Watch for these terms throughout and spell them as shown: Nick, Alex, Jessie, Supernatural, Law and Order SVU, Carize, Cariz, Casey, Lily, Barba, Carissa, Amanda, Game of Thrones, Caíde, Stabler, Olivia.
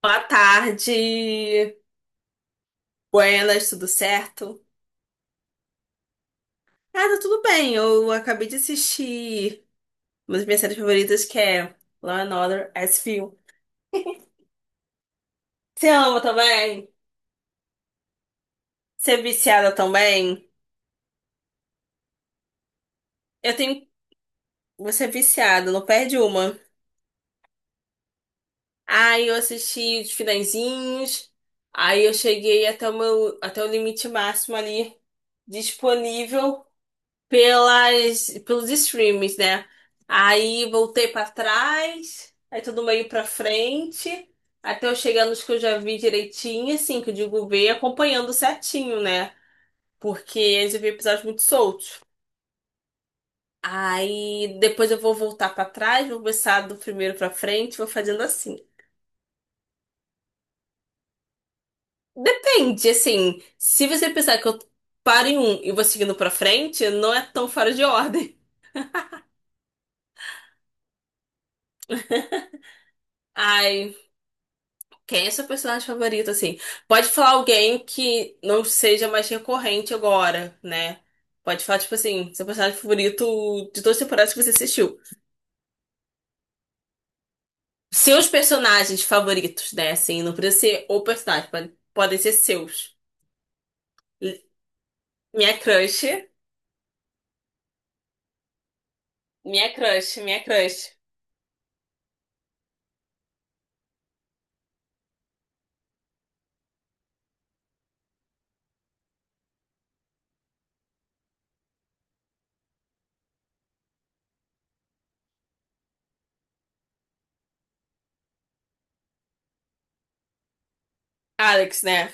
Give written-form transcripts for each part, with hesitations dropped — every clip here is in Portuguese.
Boa tarde, buenas, tudo certo? Ah, tá tudo bem, eu acabei de assistir uma das minhas séries favoritas que é Law and Order SVU. Você ama também? Você é viciada também? Eu tenho... Você é viciada, não perde uma. Aí eu assisti os finalzinhos, aí eu cheguei até o meu... até o limite máximo ali disponível pelos streams, né? Aí voltei pra trás, aí tudo meio pra frente, até eu chegar nos que eu já vi direitinho, assim, que eu digo ver, acompanhando certinho, né? Porque eles vi episódios muito soltos. Aí depois eu vou voltar pra trás, vou começar do primeiro pra frente, vou fazendo assim. Depende, assim, se você pensar que eu paro em um e vou seguindo pra frente, não é tão fora de ordem. Ai, quem é seu personagem favorito, assim? Pode falar alguém que não seja mais recorrente agora, né? Pode falar, tipo assim, seu personagem favorito de todas as temporadas que você assistiu. Seus personagens favoritos, né? Assim, não precisa ser o personagem, podem ser seus. Minha crush, minha crush, minha crush. Alex, né?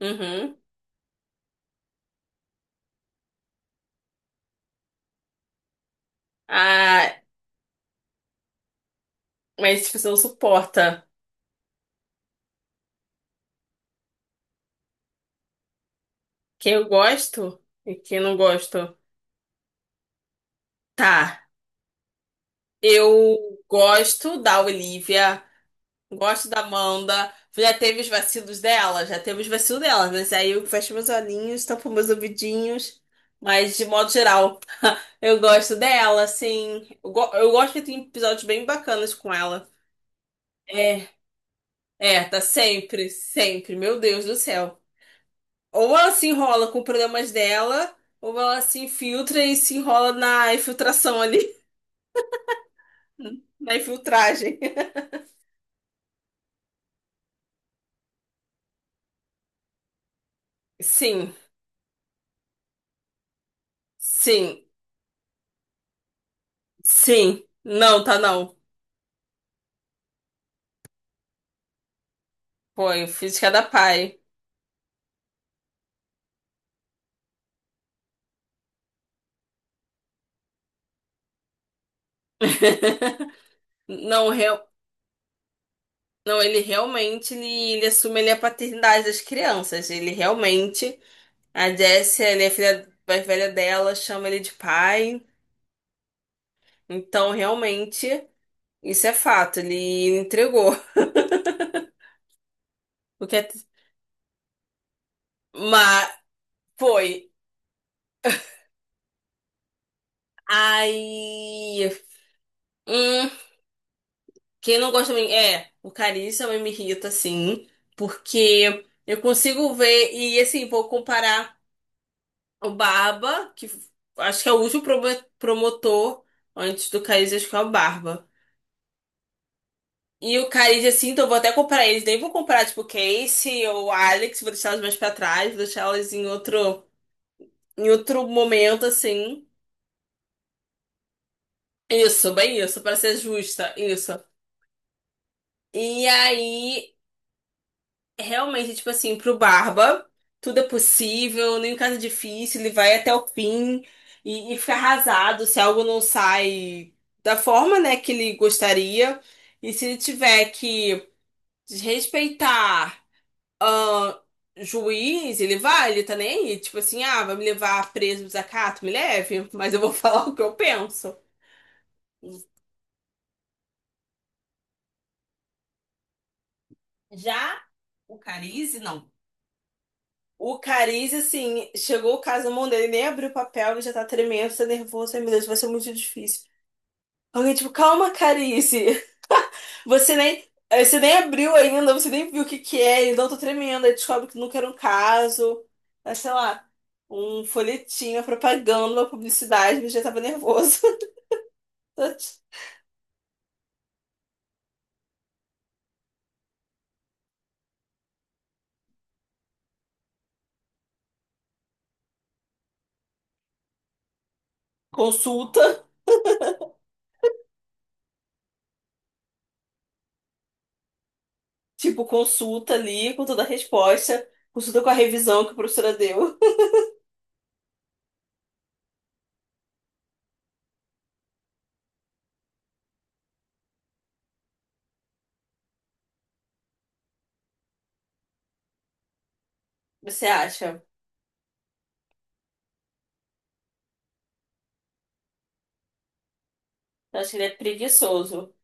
Uhum. Ah, mas tipo, você não suporta. Quem eu gosto e quem não gosto. Tá. Eu gosto da Olivia. Gosto da Amanda. Já teve os vacilos dela, já teve os vacilos dela, mas aí eu fecho meus olhinhos, tampo meus ouvidinhos. Mas de modo geral, eu gosto dela, assim. Eu gosto que tem episódios bem bacanas com ela. É, tá sempre, sempre. Meu Deus do céu. Ou ela se enrola com problemas dela, ou ela se infiltra e se enrola na infiltração ali, na infiltragem. Sim, sim, sim. Não, tá não. Foi, física da pai. Não, real, não, ele realmente ele assume ele é a paternidade das crianças. Ele realmente, a Jessie, ele é filha mais velha dela, chama ele de pai. Então, realmente, isso é fato. Ele entregou. Porque, mas foi. Aí, hum, quem não gosta de mim é o Carissa, mas me irrita assim, porque eu consigo ver e assim vou comparar. O Barba, que acho que é o último promotor antes do Caíde, acho que é o Barba. E o Caíde, assim, então eu vou até comprar eles. Nem vou comprar tipo, Casey ou Alex, vou deixar elas mais pra trás, vou deixar elas em outro momento, assim. Isso, bem isso, pra ser justa, isso. E aí. Realmente, tipo assim, pro Barba, tudo é possível, nem caso é difícil, ele vai até o fim e fica arrasado se algo não sai da forma, né, que ele gostaria. E se ele tiver que desrespeitar ahn, juiz, ele vai, ele tá nem aí. Tipo assim, ah, vai me levar preso, no desacato, me leve, mas eu vou falar o que eu penso. Já o Carize, não. O Cariz, assim, chegou o caso na mão dele, nem abriu o papel, ele já tá tremendo, tá nervoso. Ai, meu Deus, vai ser muito difícil. Alguém, tipo, calma, Cariz. Você nem, você nem abriu ainda, você nem viu o que que é, então eu tô tremendo. Aí descobre que nunca era um caso, mas sei lá, um folhetinho, uma propaganda, uma publicidade, ele já tava nervoso. Consulta, tipo, consulta ali com toda a resposta, consulta com a revisão que a professora deu. Você acha? Eu acho que ele é preguiçoso.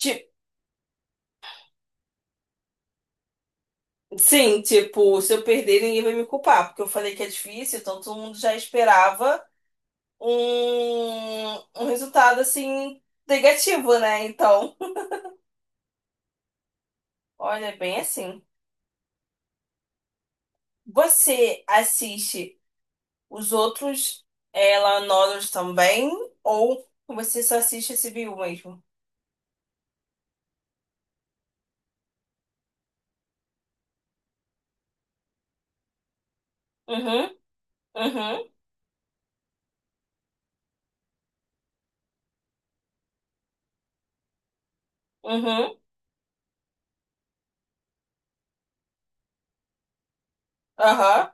Ti- sim, tipo, se eu perder, ninguém vai me culpar, porque eu falei que é difícil, então todo mundo já esperava um resultado assim negativo, né? Então, olha, é bem assim. Você assiste os outros ela nodos também, ou você só assiste esse CBU mesmo? Uhum, uhum, uhum, aham.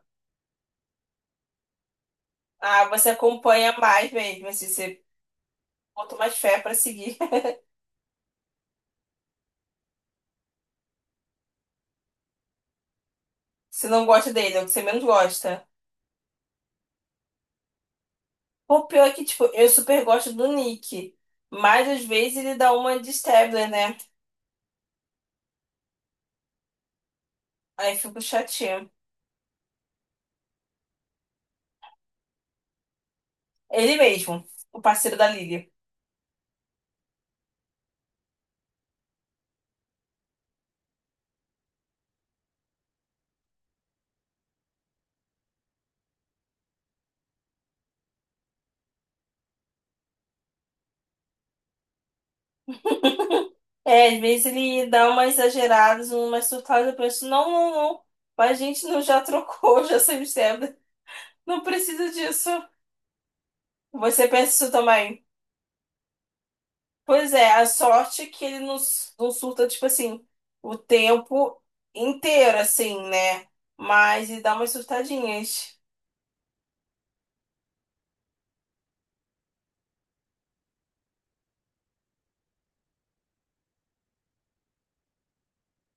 Ah, você acompanha mais mesmo, assim, você bota mais fé pra seguir. Você não gosta dele, é o que você menos gosta. O pior é que, tipo, eu super gosto do Nick, mas às vezes ele dá uma de Stabler, né? Aí eu fico chateada. Ele mesmo, o parceiro da Lily. É, às vezes ele dá umas exageradas, umas surtadas, eu penso, não, não, não, mas a gente não já trocou, já saiu Stabler. Não precisa disso. Você pensa isso também? Pois é, a sorte é que ele não, s- não surta, tipo assim, o tempo inteiro, assim, né? Mas ele dá umas surtadinhas.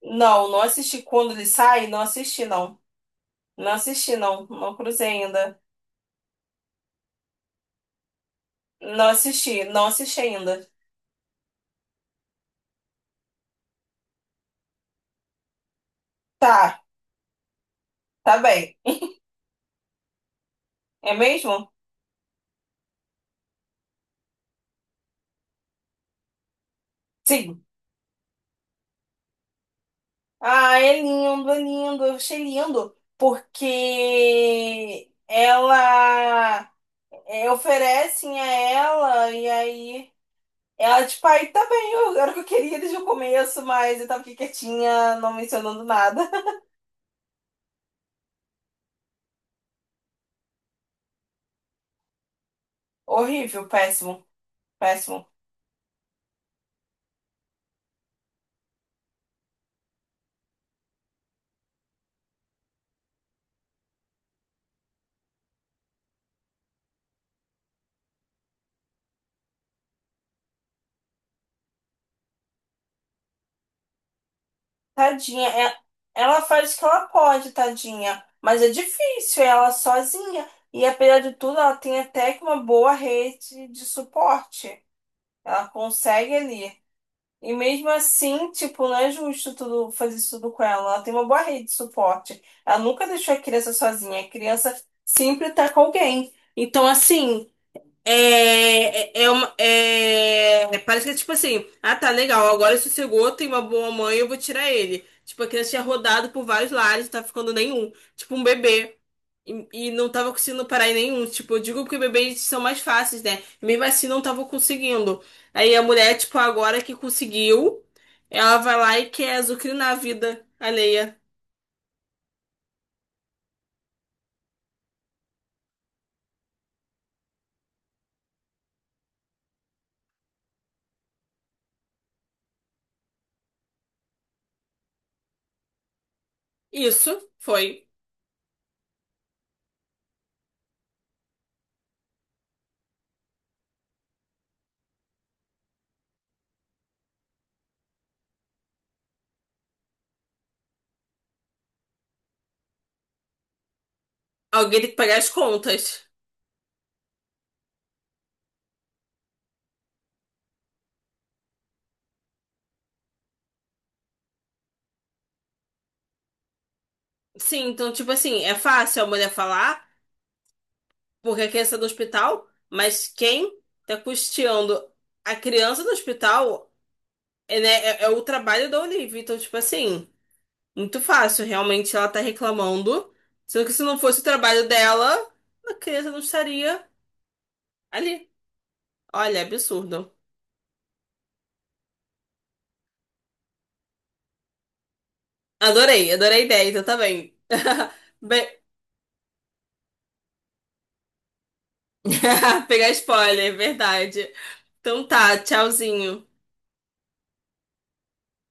Não, não assisti quando ele sai, não assisti não. Não assisti não, não cruzei ainda. Não assisti, não assisti ainda. Tá, tá bem. É mesmo? Sim. Ah, é lindo, é lindo. Eu achei lindo porque oferecem a ela e aí ela tipo, aí tá bem, era o que eu queria desde o começo, mas eu tava aqui quietinha, não mencionando nada. Horrível, péssimo, péssimo. Tadinha, é- ela faz o que ela pode, tadinha. Mas é difícil, é ela sozinha. E apesar de tudo, ela tem até que uma boa rede de suporte. Ela consegue ali. E mesmo assim, tipo, não é justo tudo, fazer isso tudo com ela. Ela tem uma boa rede de suporte. Ela nunca deixou a criança sozinha. A criança sempre tá com alguém. Então, assim. É, parece que é tipo assim, ah tá legal, agora sossegou, tem uma boa mãe, eu vou tirar ele. Tipo, a criança tinha rodado por vários lares, não tava ficando nenhum. Tipo, um bebê. E não tava conseguindo parar em nenhum. Tipo, eu digo porque bebês são mais fáceis, né? E mesmo assim não tava conseguindo. Aí a mulher, tipo, agora que conseguiu, ela vai lá e quer azucrinar a vida alheia. Isso foi. Alguém tem que pagar as contas. Sim, então, tipo assim, é fácil a mulher falar. Porque a criança é do hospital, mas quem tá custeando a criança do hospital é, né, é o trabalho da Olivia. Então, tipo assim, muito fácil. Realmente ela tá reclamando. Sendo que se não fosse o trabalho dela, a criança não estaria ali. Olha, absurdo. Adorei, adorei a ideia, então tá bem. Bem- pegar spoiler, é verdade. Então tá, tchauzinho.